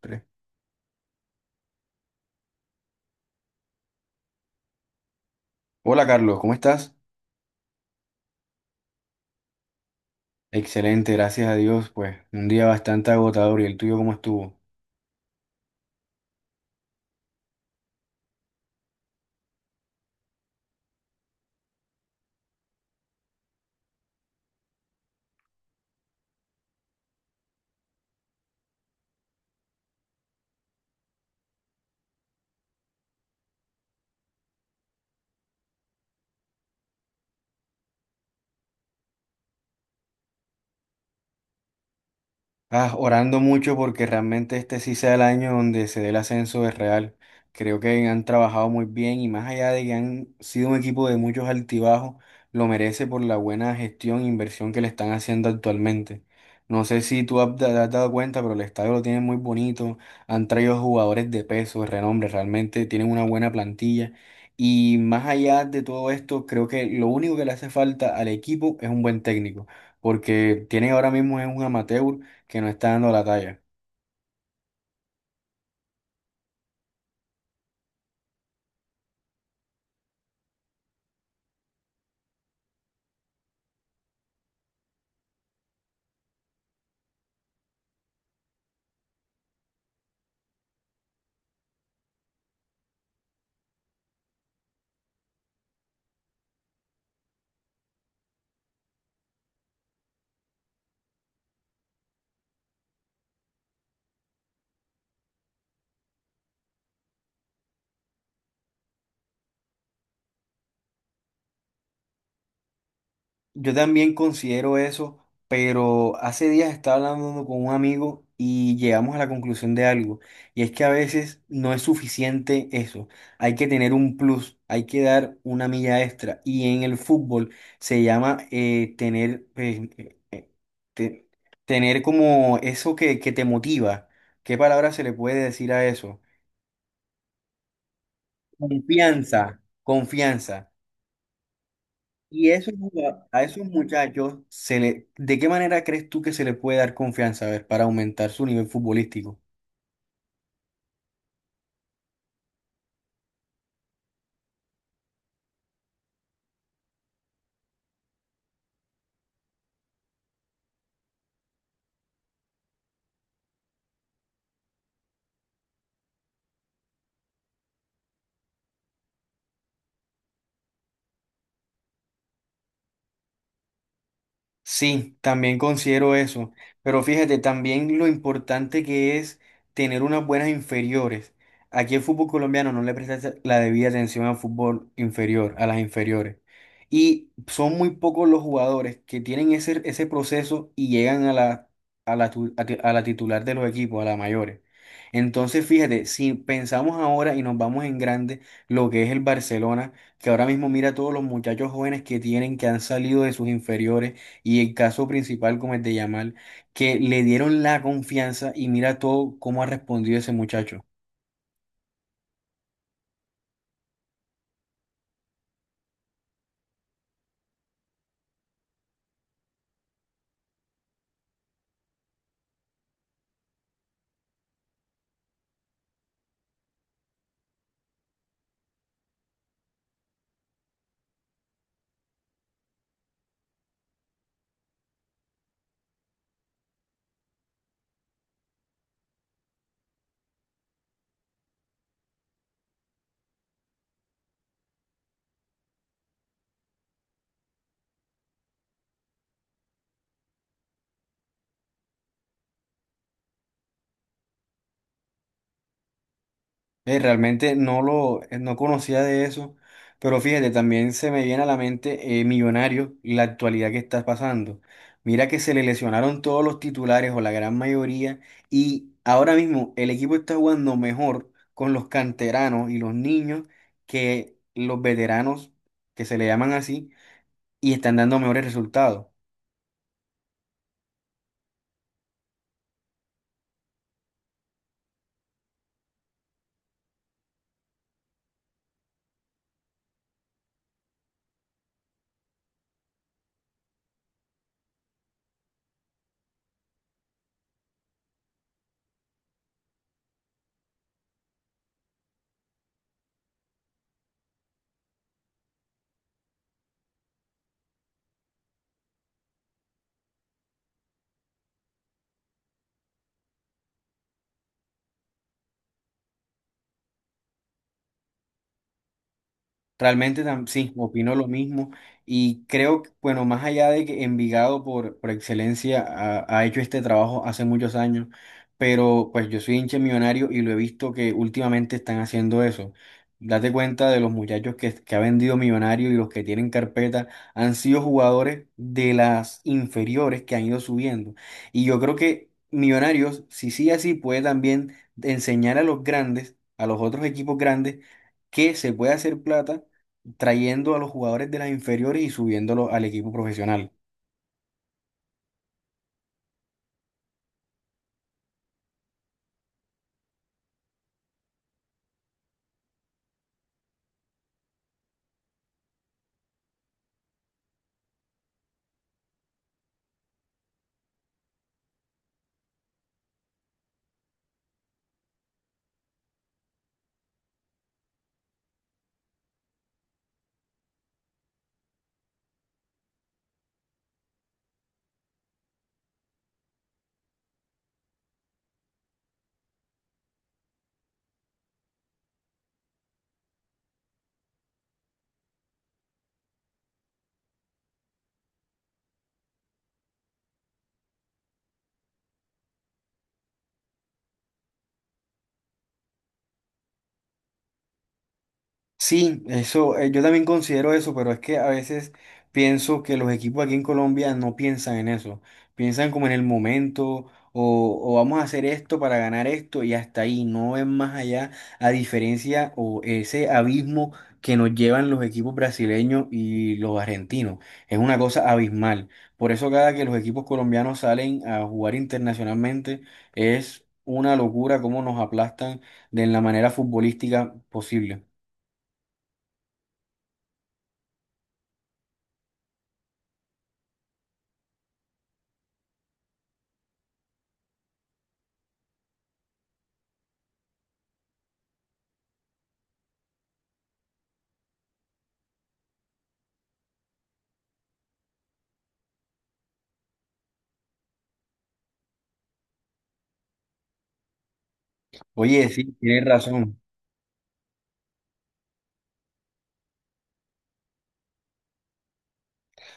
Tres. Hola Carlos, ¿cómo estás? Excelente, gracias a Dios. Pues un día bastante agotador. ¿Y el tuyo cómo estuvo? Ah, orando mucho porque realmente este sí sea el año donde se dé el ascenso de Real. Creo que han trabajado muy bien y más allá de que han sido un equipo de muchos altibajos, lo merece por la buena gestión e inversión que le están haciendo actualmente. No sé si te has dado cuenta, pero el estadio lo tienen muy bonito. Han traído jugadores de peso, de renombre, realmente tienen una buena plantilla. Y más allá de todo esto, creo que lo único que le hace falta al equipo es un buen técnico, porque tiene ahora mismo es un amateur que no está dando la talla. Yo también considero eso, pero hace días estaba hablando con un amigo y llegamos a la conclusión de algo, y es que a veces no es suficiente eso, hay que tener un plus, hay que dar una milla extra, y en el fútbol se llama tener, te- tener como eso que te motiva. ¿Qué palabra se le puede decir a eso? Confianza, confianza. Y eso, a esos muchachos, se le, ¿de qué manera crees tú que se le puede dar confianza, a ver, para aumentar su nivel futbolístico? Sí, también considero eso, pero fíjate también lo importante que es tener unas buenas inferiores. Aquí el fútbol colombiano no le presta la debida atención al fútbol inferior, a las inferiores. Y son muy pocos los jugadores que tienen ese proceso y llegan a la, a la titular de los equipos, a la mayores. Entonces, fíjate, si pensamos ahora y nos vamos en grande, lo que es el Barcelona, que ahora mismo mira todos los muchachos jóvenes que tienen, que han salido de sus inferiores y el caso principal como el de Yamal, que le dieron la confianza y mira todo cómo ha respondido ese muchacho. Realmente no conocía de eso, pero fíjate, también se me viene a la mente Millonario y la actualidad que está pasando. Mira que se le lesionaron todos los titulares o la gran mayoría y ahora mismo el equipo está jugando mejor con los canteranos y los niños que los veteranos, que se le llaman así, y están dando mejores resultados. Sí, opino lo mismo y creo que, bueno, más allá de que Envigado por excelencia ha hecho este trabajo hace muchos años, pero pues yo soy hincha de millonario y lo he visto que últimamente están haciendo eso. Date cuenta de los muchachos que ha vendido Millonario y los que tienen carpeta han sido jugadores de las inferiores que han ido subiendo. Y yo creo que Millonarios, si sigue así, puede también enseñar a los grandes, a los otros equipos grandes, que se puede hacer plata trayendo a los jugadores de las inferiores y subiéndolos al equipo profesional. Sí, eso, yo también considero eso, pero es que a veces pienso que los equipos aquí en Colombia no piensan en eso. Piensan como en el momento, o vamos a hacer esto para ganar esto, y hasta ahí, no ven más allá, a diferencia o ese abismo que nos llevan los equipos brasileños y los argentinos. Es una cosa abismal. Por eso cada que los equipos colombianos salen a jugar internacionalmente, es una locura cómo nos aplastan de la manera futbolística posible. Oye, sí, tienes razón.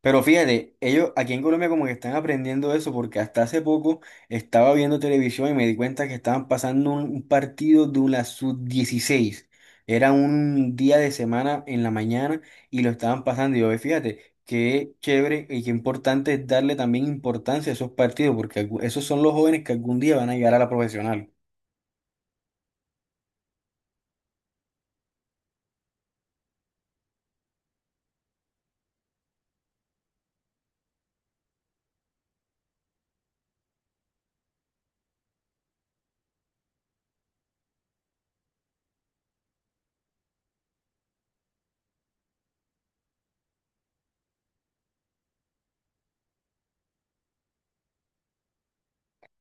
Pero fíjate, ellos aquí en Colombia como que están aprendiendo eso porque hasta hace poco estaba viendo televisión y me di cuenta que estaban pasando un partido de la sub-16. Era un día de semana en la mañana y lo estaban pasando. Y yo, "Ve, fíjate, qué chévere y qué importante es darle también importancia a esos partidos porque esos son los jóvenes que algún día van a llegar a la profesional."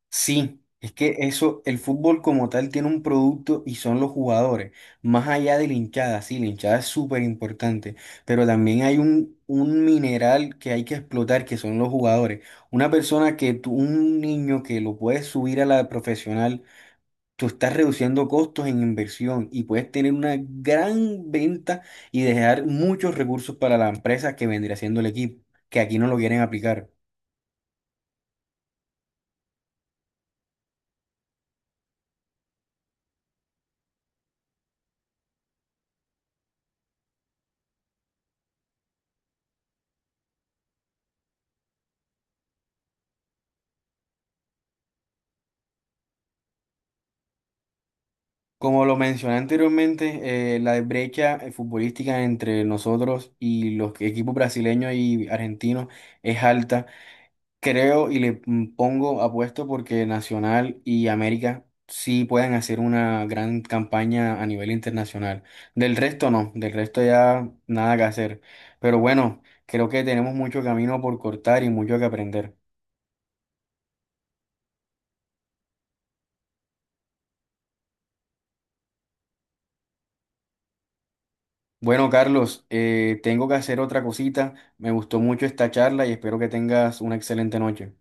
Sí, es que eso, el fútbol como tal tiene un producto y son los jugadores, más allá de la hinchada, sí, la hinchada es súper importante, pero también hay un mineral que hay que explotar, que son los jugadores. Una persona que tú, un niño que lo puedes subir a la profesional, tú estás reduciendo costos en inversión y puedes tener una gran venta y dejar muchos recursos para la empresa que vendría siendo el equipo, que aquí no lo quieren aplicar. Como lo mencioné anteriormente, la brecha futbolística entre nosotros y los equipos brasileños y argentinos es alta. Creo pongo apuesto porque Nacional y América sí pueden hacer una gran campaña a nivel internacional. Del resto no, del resto ya nada que hacer. Pero bueno, creo que tenemos mucho camino por cortar y mucho que aprender. Bueno, Carlos, tengo que hacer otra cosita. Me gustó mucho esta charla y espero que tengas una excelente noche.